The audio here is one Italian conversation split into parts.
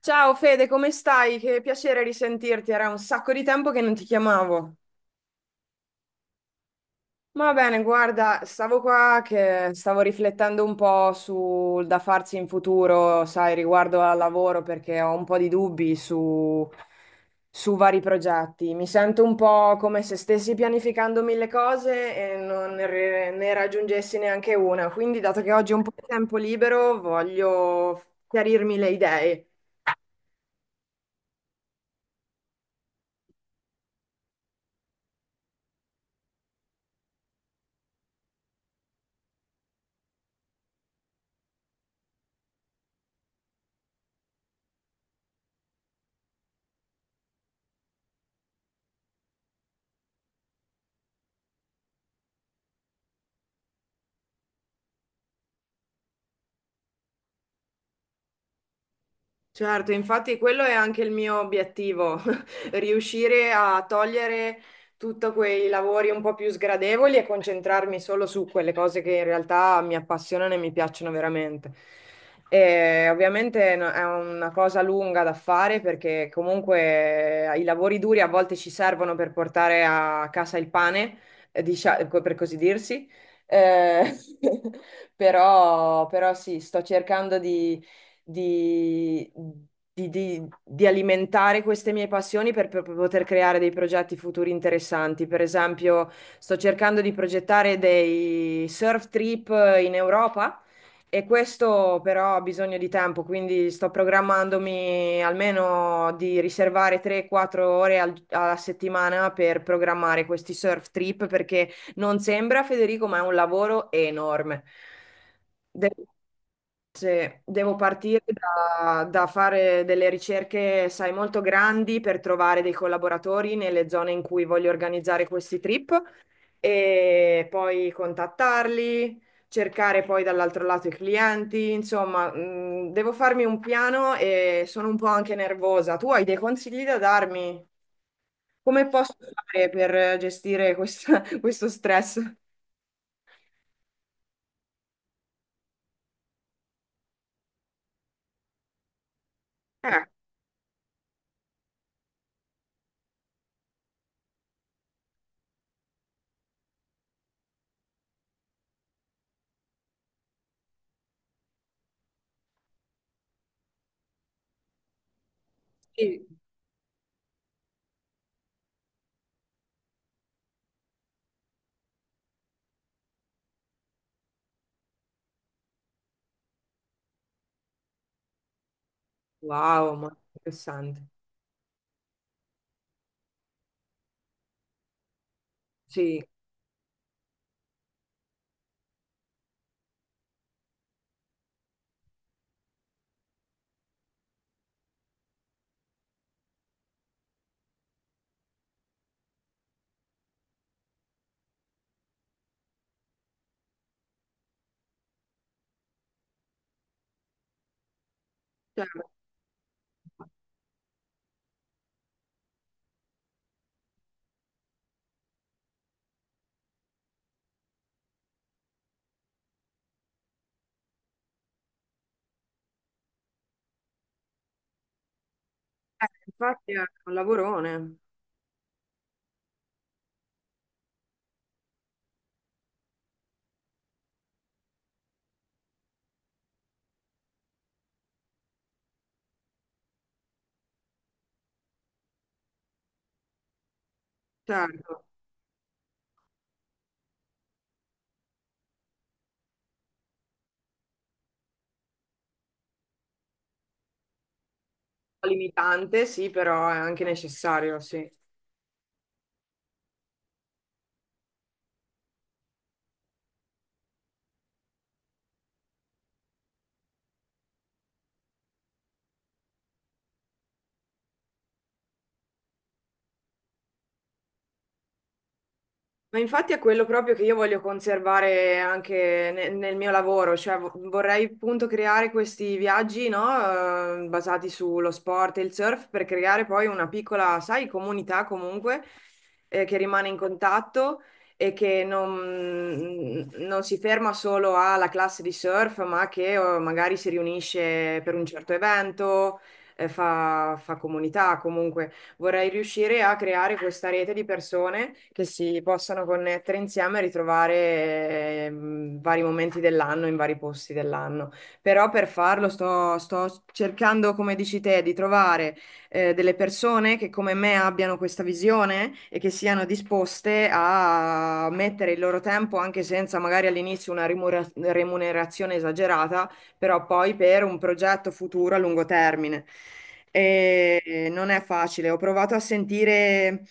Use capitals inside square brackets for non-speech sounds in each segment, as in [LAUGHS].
Ciao Fede, come stai? Che piacere risentirti, era un sacco di tempo che non ti chiamavo. Va bene, guarda, stavo qua che stavo riflettendo un po' sul da farsi in futuro, sai, riguardo al lavoro, perché ho un po' di dubbi su vari progetti. Mi sento un po' come se stessi pianificando mille cose e non ne raggiungessi neanche una. Quindi, dato che oggi ho un po' di tempo libero, voglio chiarirmi le idee. Certo, infatti quello è anche il mio obiettivo, [LAUGHS] riuscire a togliere tutti quei lavori un po' più sgradevoli e concentrarmi solo su quelle cose che in realtà mi appassionano e mi piacciono veramente. E ovviamente è una cosa lunga da fare perché comunque i lavori duri a volte ci servono per portare a casa il pane, per così dirsi. Eh, [LAUGHS] però sì, sto cercando di, di alimentare queste mie passioni per poter creare dei progetti futuri interessanti. Per esempio, sto cercando di progettare dei surf trip in Europa. E questo però ha bisogno di tempo, quindi sto programmandomi almeno di riservare 3-4 ore alla settimana per programmare questi surf trip perché non sembra, Federico, ma è un lavoro enorme. Se devo partire da fare delle ricerche, sai, molto grandi per trovare dei collaboratori nelle zone in cui voglio organizzare questi trip e poi contattarli, cercare poi dall'altro lato i clienti, insomma, devo farmi un piano e sono un po' anche nervosa. Tu hai dei consigli da darmi? Come posso fare per gestire [LAUGHS] questo stress? Eh, Sì, wow, ma interessante. Sì. Certo. Infatti è un lavorone, certo, limitante sì, però è anche necessario, sì. Ma infatti è quello proprio che io voglio conservare anche nel mio lavoro, cioè vorrei appunto creare questi viaggi, no, basati sullo sport e il surf per creare poi una piccola, sai, comunità comunque che rimane in contatto e che non si ferma solo alla classe di surf, ma che magari si riunisce per un certo evento, fa comunità comunque vorrei riuscire a creare questa rete di persone che si possano connettere insieme e ritrovare vari momenti dell'anno in vari posti dell'anno. Però per farlo sto cercando, come dici te, di trovare delle persone che come me abbiano questa visione e che siano disposte a mettere il loro tempo, anche senza magari all'inizio una remunerazione esagerata però poi per un progetto futuro a lungo termine. E non è facile. Ho provato a sentire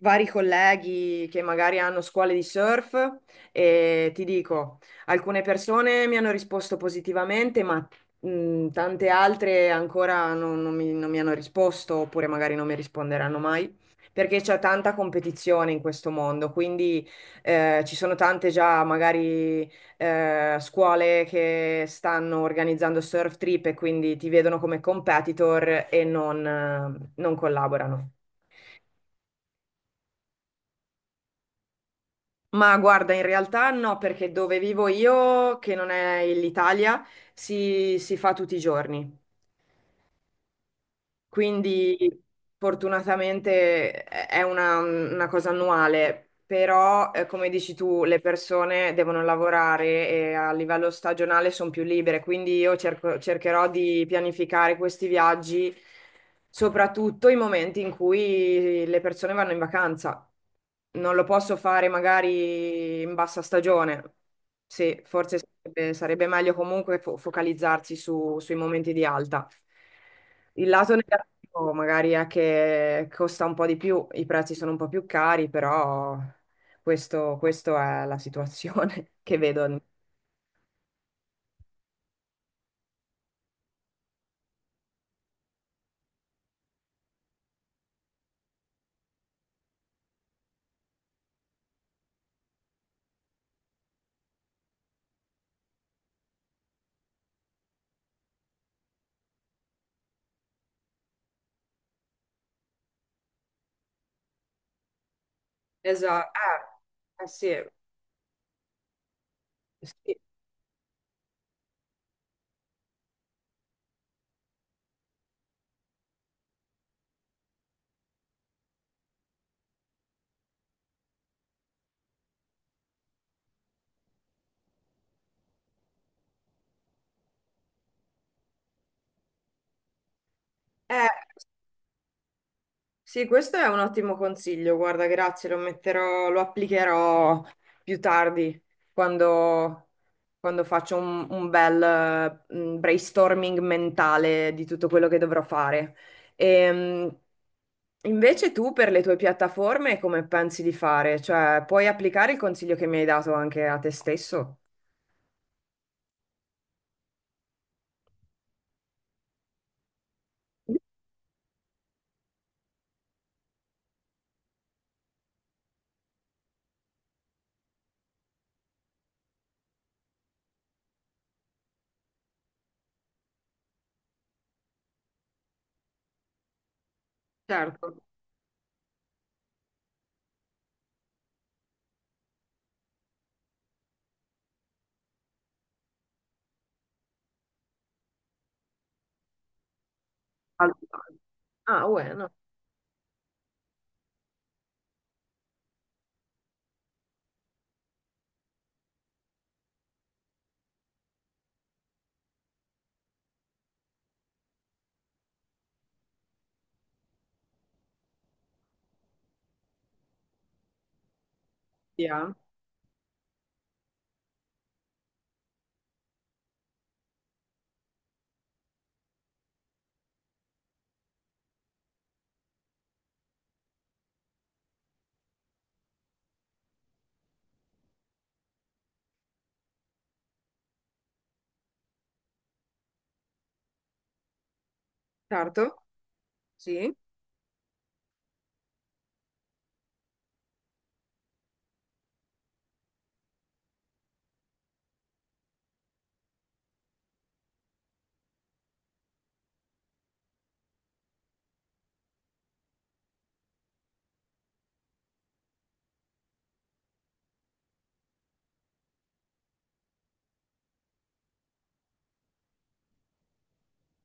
vari colleghi che magari hanno scuole di surf e ti dico, alcune persone mi hanno risposto positivamente, ma tante altre ancora non mi hanno risposto, oppure magari non mi risponderanno mai. Perché c'è tanta competizione in questo mondo, quindi ci sono tante già magari scuole che stanno organizzando surf trip e quindi ti vedono come competitor e non collaborano. Ma guarda, in realtà no, perché dove vivo io, che non è l'Italia, si fa tutti i giorni. Quindi fortunatamente è una cosa annuale, però come dici tu, le persone devono lavorare e a livello stagionale sono più libere, quindi io cercherò di pianificare questi viaggi, soprattutto i momenti in cui le persone vanno in vacanza. Non lo posso fare magari in bassa stagione. Sì, forse sarebbe meglio comunque focalizzarsi sui momenti di alta. Il lato negativo magari è che costa un po' di più, i prezzi sono un po' più cari, però questo è la situazione [LAUGHS] che vedo. Esatto. Eh sì, sì. Eh, sì, questo è un ottimo consiglio. Guarda, grazie, lo metterò, lo applicherò più tardi, quando quando faccio un bel brainstorming mentale di tutto quello che dovrò fare. Ehm, Invece tu per le tue piattaforme come pensi di fare? Cioè, puoi applicare il consiglio che mi hai dato anche a te stesso? Certo. Allora, ah, bueno. Via. Certo, sì,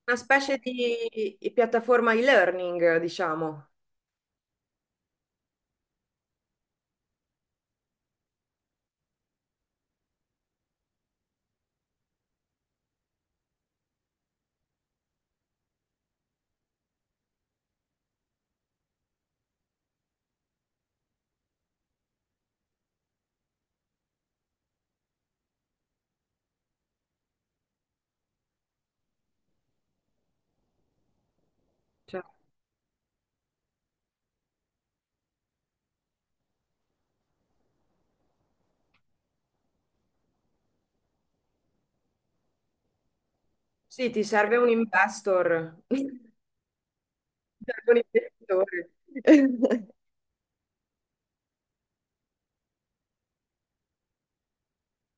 una specie di piattaforma e-learning, diciamo. Cioè, sì, ti serve un investor, [LAUGHS] ti serve un investitore. [LAUGHS]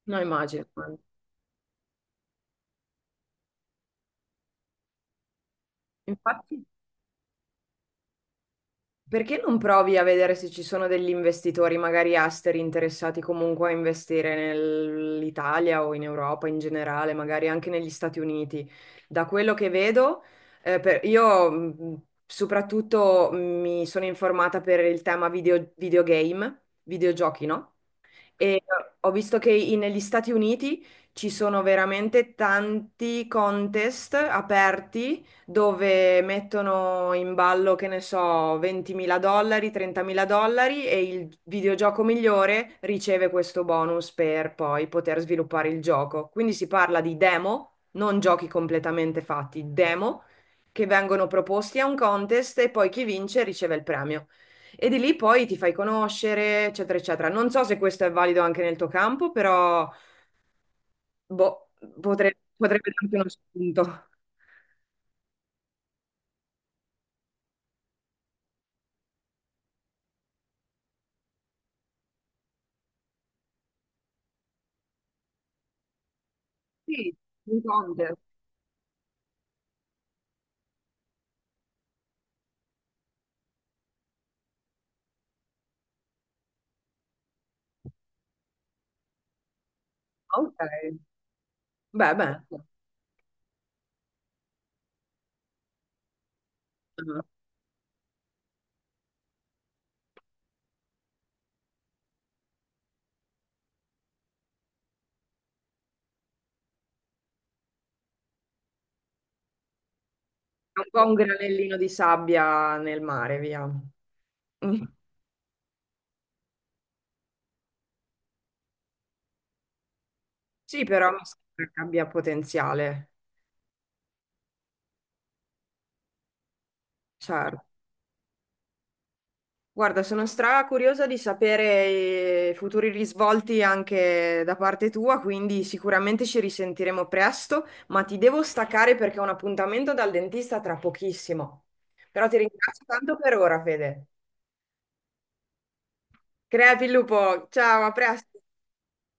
No, immagino. Infatti, perché non provi a vedere se ci sono degli investitori, magari esteri, interessati comunque a investire nell'Italia o in Europa in generale, magari anche negli Stati Uniti? Da quello che vedo, io soprattutto mi sono informata per il tema videogame, videogiochi, no? E ho visto che negli Stati Uniti ci sono veramente tanti contest aperti dove mettono in ballo, che ne so, 20.000 dollari, 30.000 dollari e il videogioco migliore riceve questo bonus per poi poter sviluppare il gioco. Quindi si parla di demo, non giochi completamente fatti, demo che vengono proposti a un contest e poi chi vince riceve il premio. E di lì poi ti fai conoscere, eccetera, eccetera. Non so se questo è valido anche nel tuo campo, però boh, potrebbe darti uno spunto. Sì, un contest. Ok. Beh, beh. Mm. Un po' un granellino di sabbia nel mare, via. Mm. Sì, però mi sembra che abbia potenziale, certo. Guarda, sono stra curiosa di sapere i futuri risvolti anche da parte tua, quindi sicuramente ci risentiremo presto, ma ti devo staccare perché ho un appuntamento dal dentista tra pochissimo. Però ti ringrazio tanto per ora, Fede. Crepi il lupo, ciao, a presto.